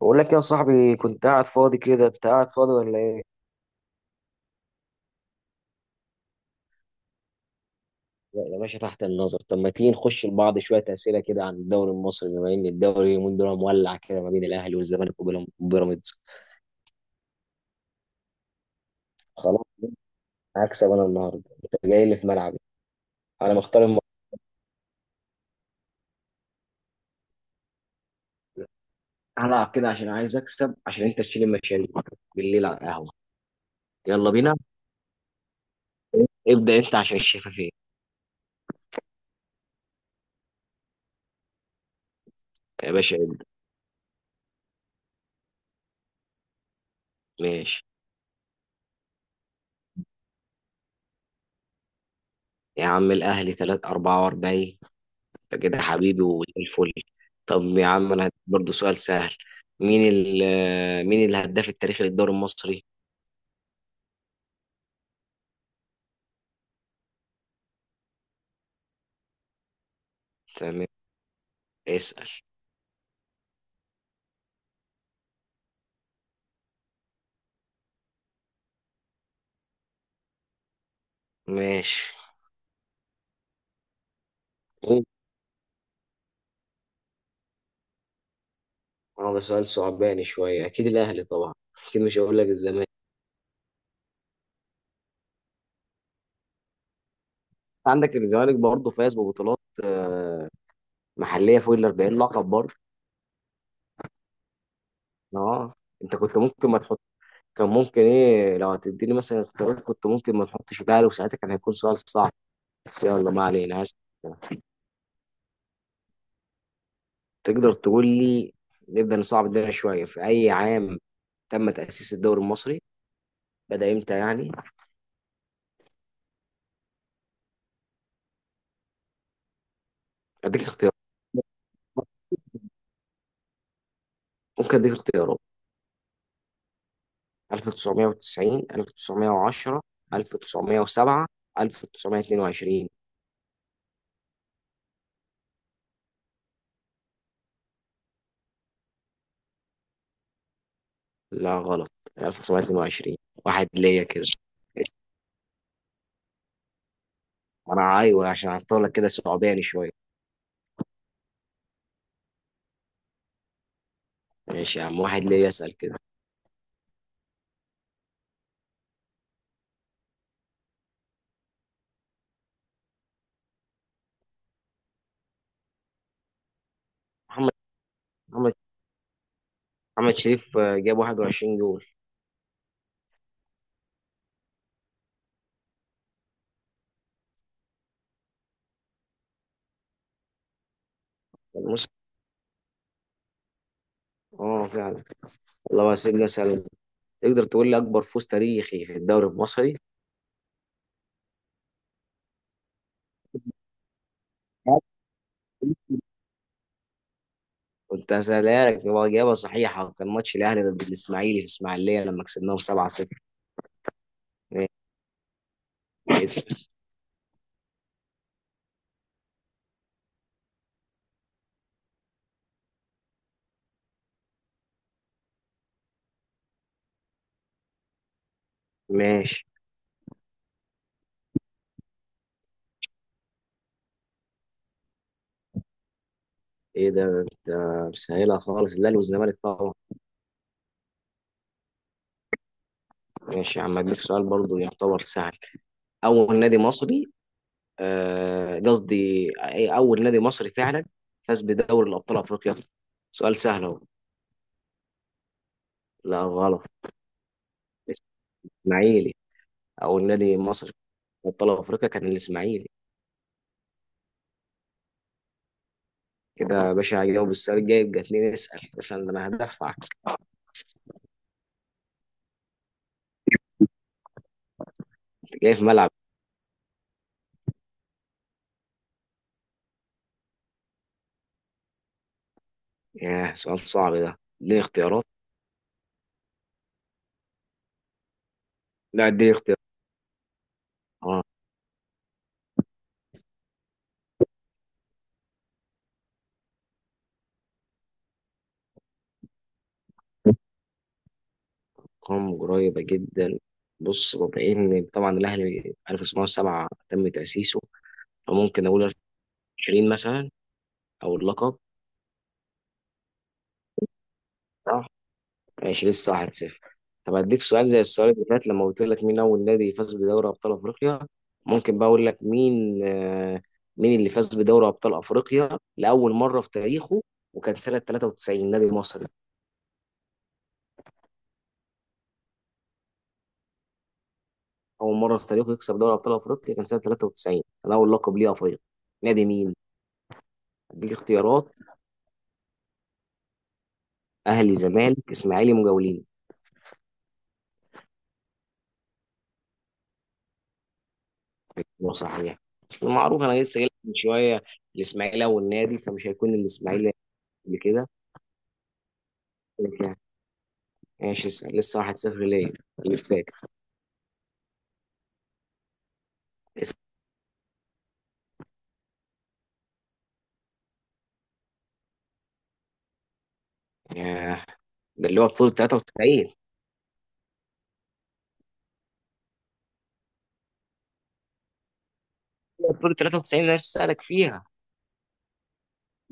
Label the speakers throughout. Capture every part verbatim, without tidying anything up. Speaker 1: بقول لك يا صاحبي، كنت قاعد فاضي كده. انت قاعد فاضي ولا ايه؟ لا يا باشا، تحت النظر. طب ما تيجي نخش لبعض شوية أسئلة كده عن الدوري المصري، بما إن الدوري اليومين دول مولع كده ما بين الأهلي والزمالك وبيرام- وبيراميدز خلاص، هكسب أنا النهاردة، أنت جاي لي في ملعبي. أنا مختار الم... هلعب كده عشان عايز أكسب، عشان أنت تشيل المشاريع بالليل على القهوة. يلا بينا. ابدأ أنت عشان الشفافية. يا باشا ابدأ. ماشي يا عم، الأهلي ثلاثة أربعة وأربعين. انت كده حبيبي وزي الفل. طب يا عم انا هديك برضه سؤال سهل، مين ال مين الهداف التاريخي للدوري المصري؟ تمام، اسأل. ماشي. اه، ده سؤال صعباني شوية. أكيد الأهلي طبعا، أكيد مش هقول لك الزمالك. عندك الزمالك برضه فاز ببطولات آه، محلية فوق ال أربعين لقب برضه. اه، أنت كنت ممكن ما تحط. كان ممكن إيه، لو هتديني مثلا اختيارات، كنت ممكن ما تحطش الأهلي، وساعتها كان هيكون سؤال صعب. بس يلا، ما علينا، هسأل. تقدر تقول لي، نبدأ نصعب الدنيا شوية، في أي عام تم تأسيس الدوري المصري؟ بدأ إمتى يعني؟ أديك اختيارات، ممكن أديك اختيارات. ألف وتسعمية وتسعين، ألف وتسعمية وعشرة، ألف وتسعمية وسبعة، ألف وتسعمية واثنين وعشرين. لا غلط، ألف وتسعمية اتنين وعشرين. واحد ليا كده. أنا أيوه، عشان أحطها لك كده صعباني شوية. ماشي يا عم، واحد ليا. أسأل كده. محمد محمد محمد شريف، آه، جاب واحد وعشرين جول. الموسم، اه فعلا. الله يسجل. أسأل. تقدر تقول لي اكبر فوز تاريخي في الدوري المصري؟ كنت هسألها لك، هو اجابه صحيحه، كان ماتش الاهلي ضد الاسماعيلي في اسماعيليه لما كسبناهم سبعة صفر. ماشي. ماشي. ايه ده انت مسهلها خالص، الاهلي والزمالك طبعا. ماشي يا عم، اديك سؤال برضو يعتبر سهل. اول نادي مصري، آه، قصدي أي- اول نادي مصري فعلا فاز بدوري الابطال افريقيا؟ سؤال سهل اهو. لا غلط، الاسماعيلي. اول نادي مصري في ابطال افريقيا كان الاسماعيلي. كده يا باشا، هجاوب السؤال الجاي يبقى اتنين. اسأل مثلا، ده انا هدفعك. جاي في ملعب. ياه، سؤال صعب ده. اديني اختيارات. لا اديني اختيارات. اه. ارقام قريبة جدا. بص، بما ان طبعا الاهلي ألف وتسعمية وسبعة تم تأسيسه، فممكن اقول عشرين مثلا. او اللقب. صح. ماشي، لسه واحد صفر. طب هديك سؤال زي السؤال اللي فات لما قلت لك مين أول نادي فاز بدوري أبطال أفريقيا. ممكن بقى أقول لك، مين آه، مين اللي فاز بدوري أبطال أفريقيا لأول مرة في تاريخه، وكان سنة تلاتة وتسعين، نادي مصري؟ أول مرة في تاريخه يكسب دوري أبطال أفريقيا، كان سنة تلاتة وتسعين، كان أول لقب ليه أفريقيا. نادي مين؟ هديك اختيارات. أهلي، زمالك، إسماعيلي، مجاولين. هو صحيح، المعروف أنا لسه قايل لك من شوية الإسماعيلي أول نادي، فمش هيكون الإسماعيلي قبل كده. ماشي، اسأل، لسه واحد لا شيء ليا. اللي فاكر. اسأل. ياه، ده اللي هو بطولة تلاتة وتسعين. بطولة تلاتة وتسعين انا لسه اسألك فيها.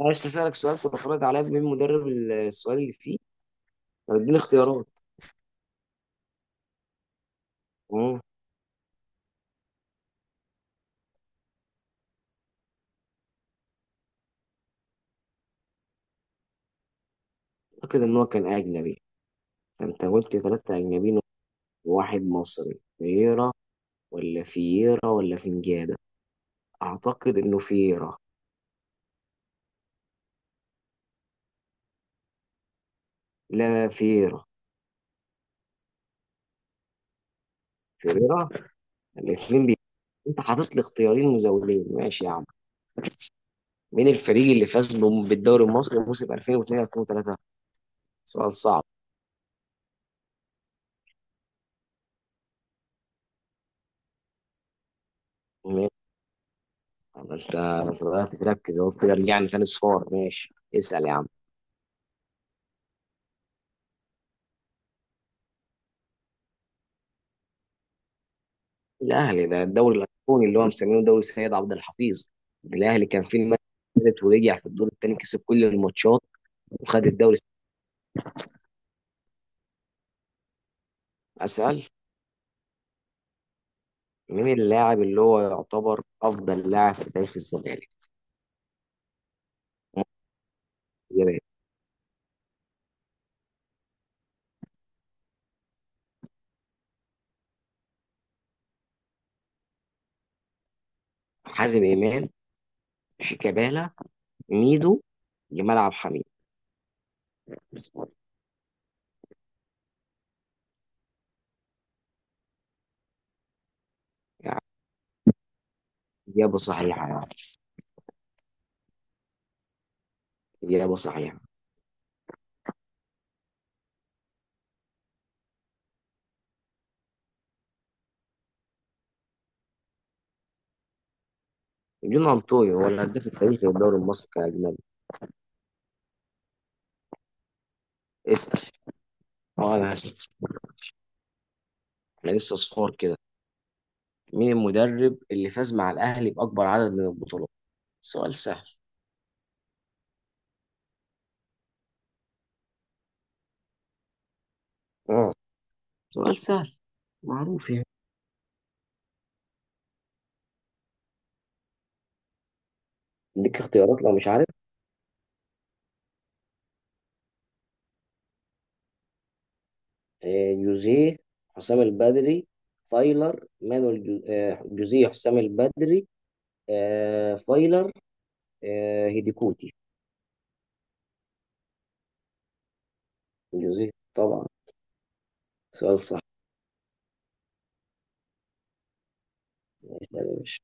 Speaker 1: انا لسه اسألك سؤال، وافرض عليا مين مدرب السؤال اللي فيه. طب اديني اختيارات. اه. اعتقد ان هو كان اجنبي، فانت قلت ثلاثة اجنبيين وواحد مصري. فييرا. ولا فييرا ولا فنجادة. اعتقد انه فييرا. لا، فييرا. فييرا. الاثنين بي... انت حاطط لي اختيارين مزولين. ماشي يا عم. مين الفريق اللي فاز بم- بالدوري المصري موسم ألفين واتنين ألفين وتلاتة؟ سؤال صعب. ماشي. طب انت بدأت تركز اهو. كده رجعنا تاني صفار. ماشي، اسأل يا عم. الاهلي، ده الدوري الاسباني اللي هو مسمينه دوري سيد عبد الحفيظ. الاهلي كان في المركز الثالث، ورجع في الدور الثاني كسب كل الماتشات وخد الدوري. اسأل. مين اللاعب اللي هو يعتبر افضل لاعب في تاريخ الزمالك؟ إجابات. حازم امام، شيكابالا، ميدو، جمال عبد الحميد. يعني إجابة صحيحة، يعني إجابة صحيحة. جون أنطوي هو الهداف التاريخي للدوري المصري كأجنبي. اسأل. اه انا لسه انا لسه صفار كده. مين المدرب اللي فاز مع الاهلي باكبر عدد من البطولات؟ سؤال سهل. اه، سؤال سهل، معروف يعني. ليك اختيارات لو مش عارف. آه، يوزيه، حسام البدري، فايلر، مانويل جو- آه، يوزيه، حسام البدري، آه، فايلر، آه، هيديكوتي. يوزيه طبعا. سؤال صح. اسأل يا باشا.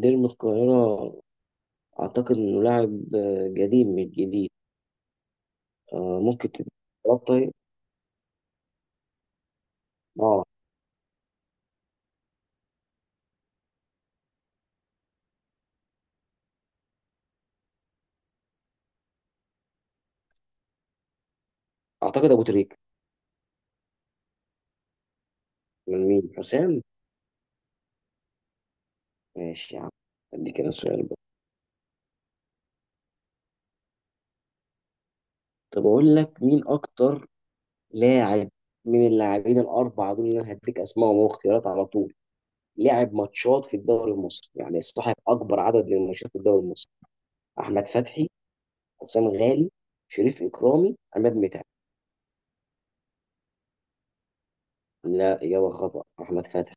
Speaker 1: ديربي القاهرة. أعتقد إنه لاعب آه، قديم، مش جديد. آه، ممكن تدي اختيارات طيب؟ اه. أعتقد أبو تريكة. من مين؟ حسام. ماشي يا عم، ادي كده سؤال بقى. طب اقول لك مين اكتر لاعب من اللاعبين الاربعه دول اللي انا هديك اسمائهم واختيارات على طول، لعب ماتشات في الدوري المصري، يعني صاحب اكبر عدد من الماتشات في الدوري المصري؟ احمد فتحي، حسام غالي، شريف اكرامي، عماد متعب. لا، اجابه خطا، احمد فتحي.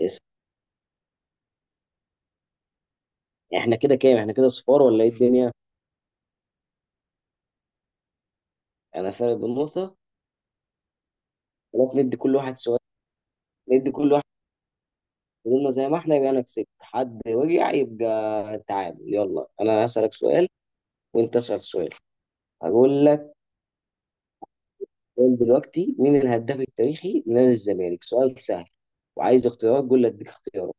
Speaker 1: اسم. احنا كده كام؟ احنا كده صفار ولا ايه الدنيا؟ انا فارق بالنقطه. خلاص، ندي كل واحد سؤال. ندي كل فضلنا زي ما احنا، يبقى انا كسبت. حد وجع، يبقى تعادل. يلا، انا هسألك سؤال وانت اسأل سؤال. هقول لك، قول دلوقتي مين الهداف التاريخي لنادي الزمالك؟ سؤال سهل. وعايز اختيارات قول لي اديك اختيارات.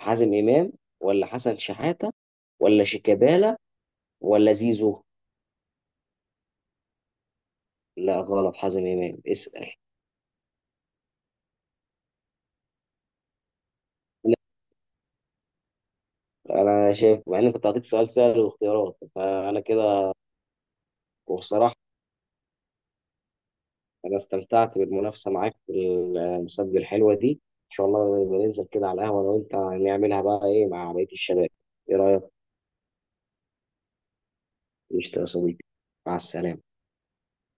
Speaker 1: حازم امام، ولا حسن شحاتة، ولا شيكابالا، ولا زيزو؟ لا غلط، حازم امام. اسأل. لا انا شايف، مع اني كنت هديك سؤال سهل واختيارات، فانا كده. وبصراحة انا استمتعت بالمنافسه معاك في المسابقه الحلوه دي. ان شاء الله نبقى ننزل كده على القهوه انا وانت، نعملها بقى ايه مع بقيه الشباب. ايه رايك؟ قشطة يا صديقي، مع السلامه.